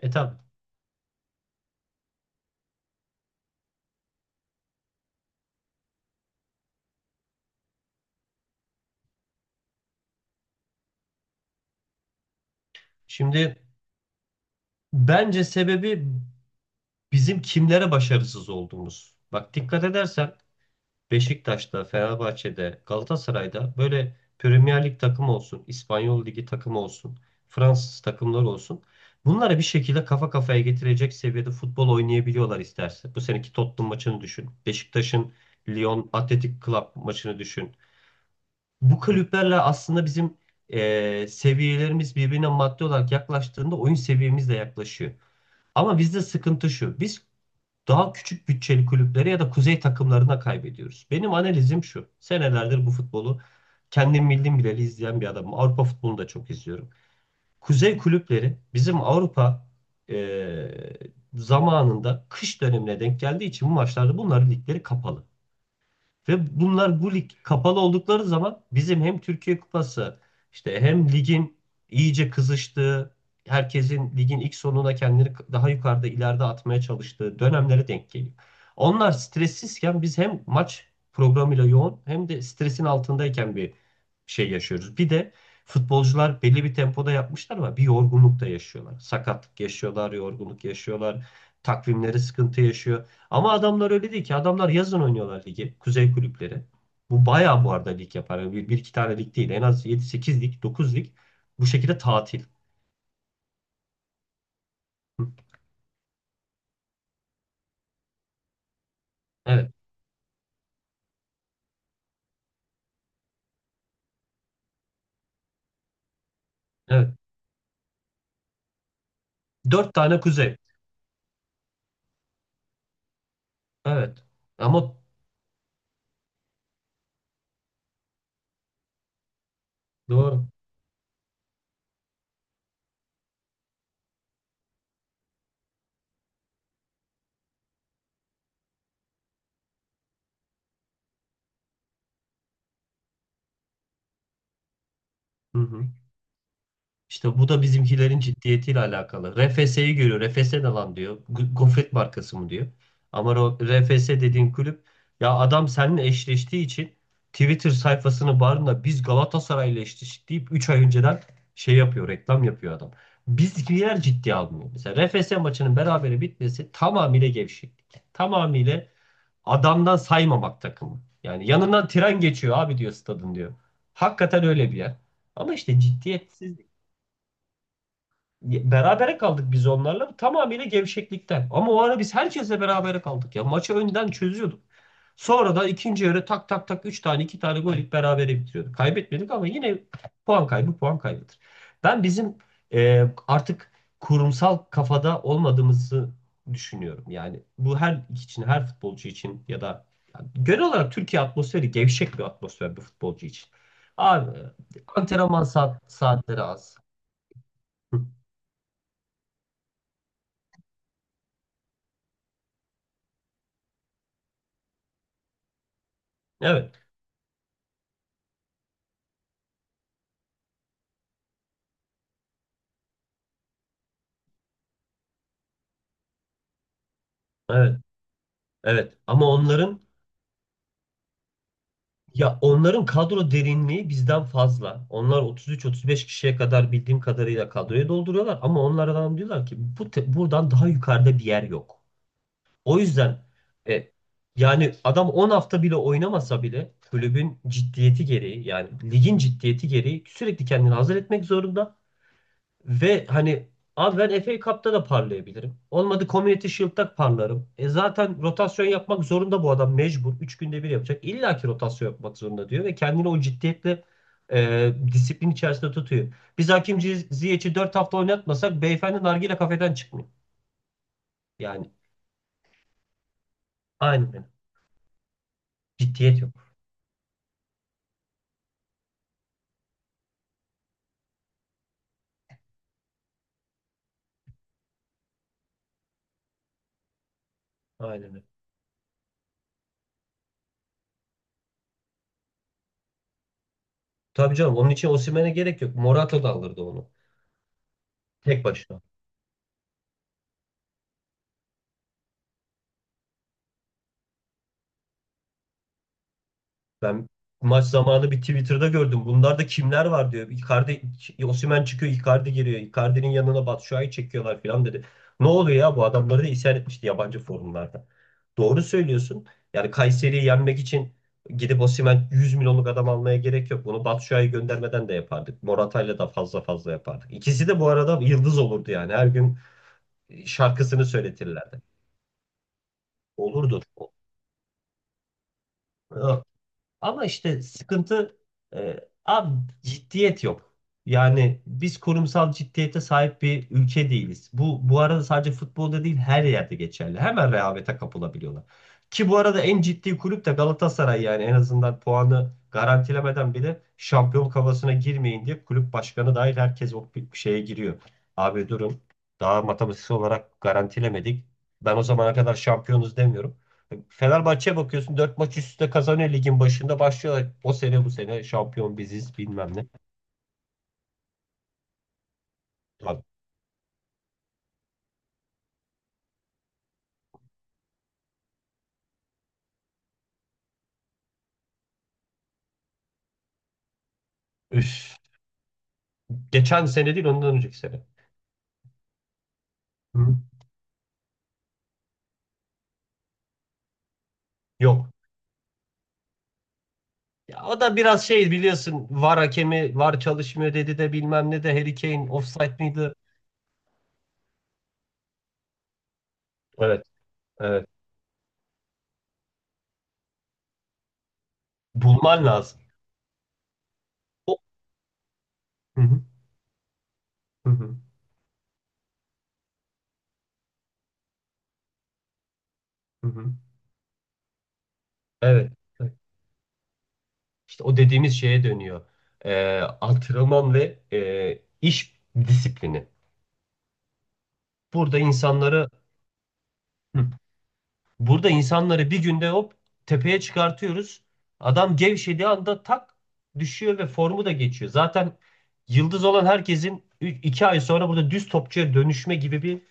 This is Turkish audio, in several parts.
E tabii. Şimdi bence sebebi bizim kimlere başarısız olduğumuz. Bak dikkat edersen Beşiktaş'ta, Fenerbahçe'de, Galatasaray'da böyle Premier Lig takımı olsun, İspanyol Ligi takımı olsun, Fransız takımları olsun. Bunları bir şekilde kafa kafaya getirecek seviyede futbol oynayabiliyorlar isterse. Bu seneki Tottenham maçını düşün. Beşiktaş'ın Lyon Athletic Club maçını düşün. Bu kulüplerle aslında bizim seviyelerimiz birbirine maddi olarak yaklaştığında oyun seviyemiz de yaklaşıyor. Ama bizde sıkıntı şu. Biz daha küçük bütçeli kulüplere ya da kuzey takımlarına kaybediyoruz. Benim analizim şu. Senelerdir bu futbolu kendim bildim bileli izleyen bir adamım. Avrupa futbolunu da çok izliyorum. Kuzey kulüpleri bizim Avrupa e, zamanında kış dönemine denk geldiği için bu maçlarda bunların ligleri kapalı. Ve bunlar bu lig kapalı oldukları zaman bizim hem Türkiye Kupası işte hem ligin iyice kızıştığı, herkesin ligin ilk sonuna kendini daha yukarıda ileride atmaya çalıştığı dönemlere denk geliyor. Onlar stressizken biz hem maç programıyla yoğun hem de stresin altındayken bir şey yaşıyoruz. Bir de futbolcular belli bir tempoda yapmışlar ama bir yorgunluk da yaşıyorlar. Sakatlık yaşıyorlar, yorgunluk yaşıyorlar. Takvimleri sıkıntı yaşıyor. Ama adamlar öyle değil ki. Adamlar yazın oynuyorlar ligi. Kuzey kulüpleri. Bu bayağı bu arada lig yapar. Yani bir iki tane lig değil. En az yedi sekiz lig, 9 lig. Bu şekilde tatil. Hı. Evet. Evet. Dört tane kuzey. Evet. Ama doğru. Hı hı. İşte bu da bizimkilerin ciddiyetiyle alakalı. RFS'yi görüyor. RFS ne lan diyor. Gofret markası mı diyor. Ama o RFS dediğin kulüp ya adam seninle eşleştiği için Twitter sayfasını barında biz Galatasaray'la eşleştik deyip 3 ay önceden şey yapıyor, reklam yapıyor adam. Bizimkiler ciddiye almıyor. Mesela RFS maçının berabere bitmesi tamamıyla gevşeklik. Tamamıyla adamdan saymamak takımı. Yani yanından tren geçiyor abi diyor stadın diyor. Hakikaten öyle bir yer. Ama işte ciddiyetsiz. Berabere kaldık biz onlarla tamamıyla gevşeklikten. Ama o ara biz herkesle berabere kaldık ya. Maçı önden çözüyorduk. Sonra da ikinci yarı tak tak tak 3 tane 2 tane gol yiyip berabere bitiriyorduk. Kaybetmedik ama yine puan kaybı puan kaybıdır. Ben bizim artık kurumsal kafada olmadığımızı düşünüyorum. Yani bu her için her futbolcu için ya da yani genel olarak Türkiye atmosferi gevşek bir atmosfer bir futbolcu için. Abi antrenman saatleri az. Evet, evet. Evet ama onların kadro derinliği bizden fazla. Onlar 33-35 kişiye kadar bildiğim kadarıyla kadroyu dolduruyorlar ama onlardan diyorlar ki bu buradan daha yukarıda bir yer yok. O yüzden e, yani adam 10 hafta bile oynamasa bile kulübün ciddiyeti gereği yani ligin ciddiyeti gereği sürekli kendini hazır etmek zorunda. Ve hani abi ben FA Cup'ta da parlayabilirim. Olmadı Community Shield'da parlarım. E zaten rotasyon yapmak zorunda bu adam mecbur. 3 günde bir yapacak. İlla ki rotasyon yapmak zorunda diyor ve kendini o ciddiyetle disiplin içerisinde tutuyor. Biz Hakim Ziyech'i 4 hafta oynatmasak beyefendi nargile kafeden çıkmıyor. Yani aynen öyle. Ciddiyet yok. Aynen öyle. Tabii canım onun için Osimhen'e gerek yok. Morata da alırdı onu. Tek başına. Ben maç zamanı bir Twitter'da gördüm. Bunlar da kimler var diyor. Icardi, Osimhen çıkıyor, Icardi giriyor. Icardi'nin yanına Batshuayi çekiyorlar falan dedi. Ne oluyor ya bu adamları da isyan etmişti yabancı forumlarda. Doğru söylüyorsun. Yani Kayseri'yi yenmek için gidip Osimhen 100 milyonluk adam almaya gerek yok. Bunu Batshuayi göndermeden de yapardık. Morata'yla da fazla fazla yapardık. İkisi de bu arada yıldız olurdu yani. Her gün şarkısını söyletirlerdi. Olurdu. Ama işte sıkıntı, e, abi, ciddiyet yok. Yani biz kurumsal ciddiyete sahip bir ülke değiliz. Bu, bu arada, sadece futbolda değil her yerde geçerli. Hemen rehavete kapılabiliyorlar. Ki bu arada en ciddi kulüp de Galatasaray yani en azından puanı garantilemeden bile şampiyon kafasına girmeyin diye kulüp başkanı dahil herkes o bir şeye giriyor. Abi durun, daha matematiksel olarak garantilemedik. Ben o zamana kadar şampiyonuz demiyorum. Fenerbahçe'ye bakıyorsun 4 maç üst üste kazanıyor ligin başında başlıyorlar. O sene bu sene şampiyon biziz bilmem ne. Abi, üf. Geçen sene değil ondan önceki sene. Hı? Yok. Ya o da biraz şey biliyorsun VAR hakemi, VAR çalışmıyor dedi de bilmem ne de Harry Kane offside miydi? Evet, evet. Bulman lazım. O... Hı hı, hı hı, hı hı. Evet. Evet. İşte o dediğimiz şeye dönüyor. Antrenman ve e, iş disiplini. Burada insanları Hı. Burada insanları bir günde hop tepeye çıkartıyoruz. Adam gevşediği anda tak düşüyor ve formu da geçiyor. Zaten yıldız olan herkesin 2 ay sonra burada düz topçuya dönüşme gibi bir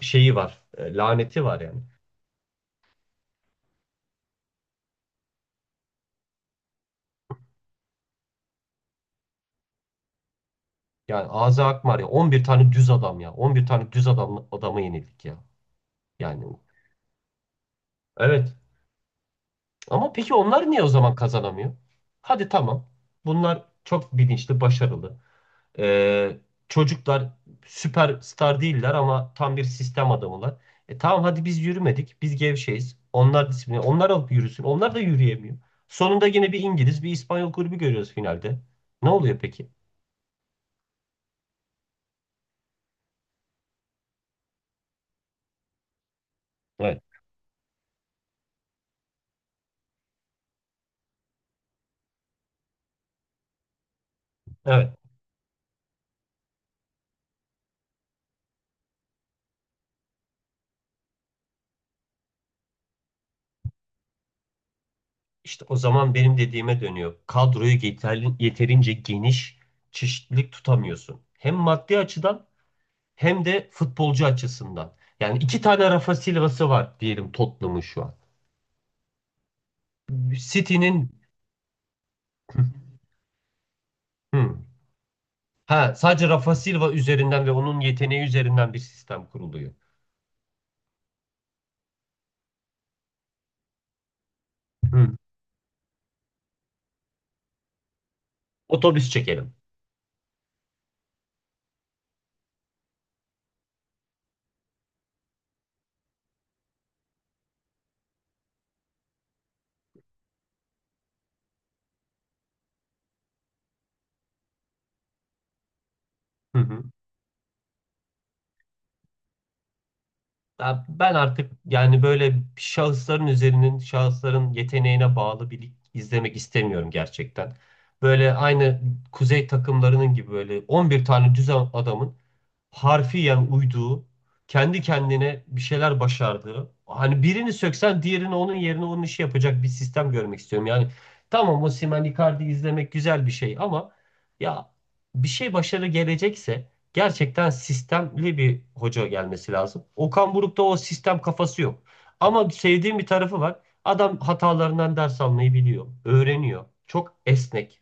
şeyi var. Laneti var yani. Yani Aza Akmar ya, 11 tane düz adam ya. 11 tane düz adam adama yenildik ya. Yani evet. Ama peki onlar niye o zaman kazanamıyor? Hadi tamam. Bunlar çok bilinçli, başarılı. Ee, Çocuklar süperstar değiller ama tam bir sistem adamılar. E tamam hadi biz yürümedik. Biz gevşeyiz. Onlar disiplin. Onlar alıp yürüsün. Onlar da yürüyemiyor. Sonunda yine bir İngiliz, bir İspanyol kulübü görüyoruz finalde. Ne oluyor peki? Evet. Evet. İşte o zaman benim dediğime dönüyor. Kadroyu yeterli, yeterince geniş çeşitlilik tutamıyorsun. Hem maddi açıdan hem de futbolcu açısından. Yani iki tane Rafa Silva'sı var diyelim Tottenham'ın şu an. City'nin. Ha, sadece Rafa Silva üzerinden ve onun yeteneği üzerinden bir sistem kuruluyor. Hı. Otobüs çekelim. Hı hı. Ya ben artık yani böyle şahısların yeteneğine bağlı bir lig izlemek istemiyorum gerçekten. Böyle aynı kuzey takımlarının gibi böyle 11 tane düz adamın harfiyen uyduğu, kendi kendine bir şeyler başardığı. Hani birini söksen diğerini onun yerine onun işi yapacak bir sistem görmek istiyorum. Yani tamam, Osimhen Icardi izlemek güzel bir şey ama ya bir şey başarı gelecekse gerçekten sistemli bir hoca gelmesi lazım. Okan Buruk'ta o sistem kafası yok. Ama sevdiğim bir tarafı var. Adam hatalarından ders almayı biliyor, öğreniyor. Çok esnek.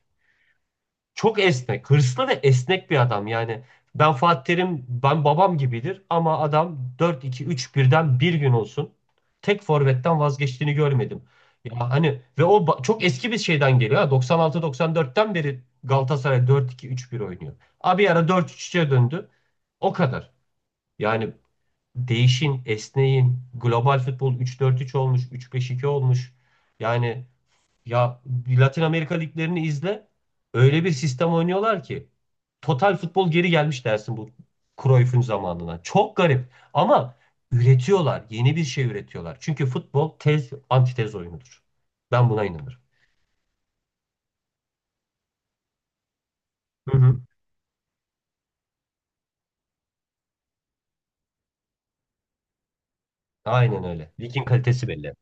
Çok esnek. Hırslı ve esnek bir adam. Yani ben Fatih Terim, ben babam gibidir ama adam dört iki üç birden bir gün olsun tek forvetten vazgeçtiğini görmedim. Ya hani ve o çok eski bir şeyden geliyor. Ha. 96-94'ten beri Galatasaray dört iki üç bir oynuyor. Abi ara dört 3 3e döndü. O kadar. Yani değişin, esneyin. Global futbol üç dört üç olmuş, üç beş iki olmuş. Yani ya Latin Amerika liglerini izle. Öyle bir sistem oynuyorlar ki total futbol geri gelmiş dersin bu Cruyff'un zamanına. Çok garip ama üretiyorlar. Yeni bir şey üretiyorlar. Çünkü futbol tez antitez oyunudur. Ben buna inanırım. Hı hı. Aynen öyle. Ligin kalitesi belli.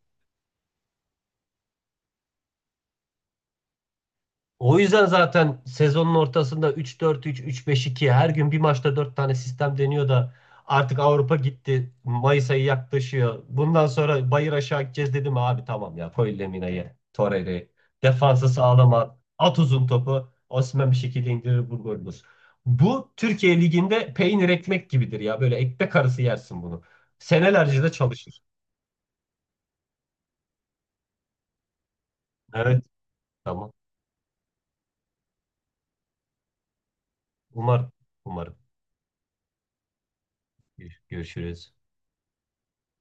O yüzden zaten sezonun ortasında 3-4-3, 3-5-2 her gün bir maçta 4 tane sistem deniyor da artık Avrupa gitti. Mayıs ayı yaklaşıyor. Bundan sonra bayır aşağı gideceğiz dedim abi, tamam ya, koy Lemina'yı, Torreira'yı. Defansı sağlam at. At uzun topu. Osimhen bir şekilde indirir bu golü bulur. Bu Türkiye Ligi'nde peynir ekmek gibidir ya. Böyle ekmek arası yersin bunu. Senelerce de çalışır. Evet. Tamam. Umarım. Umarım. Görüşürüz.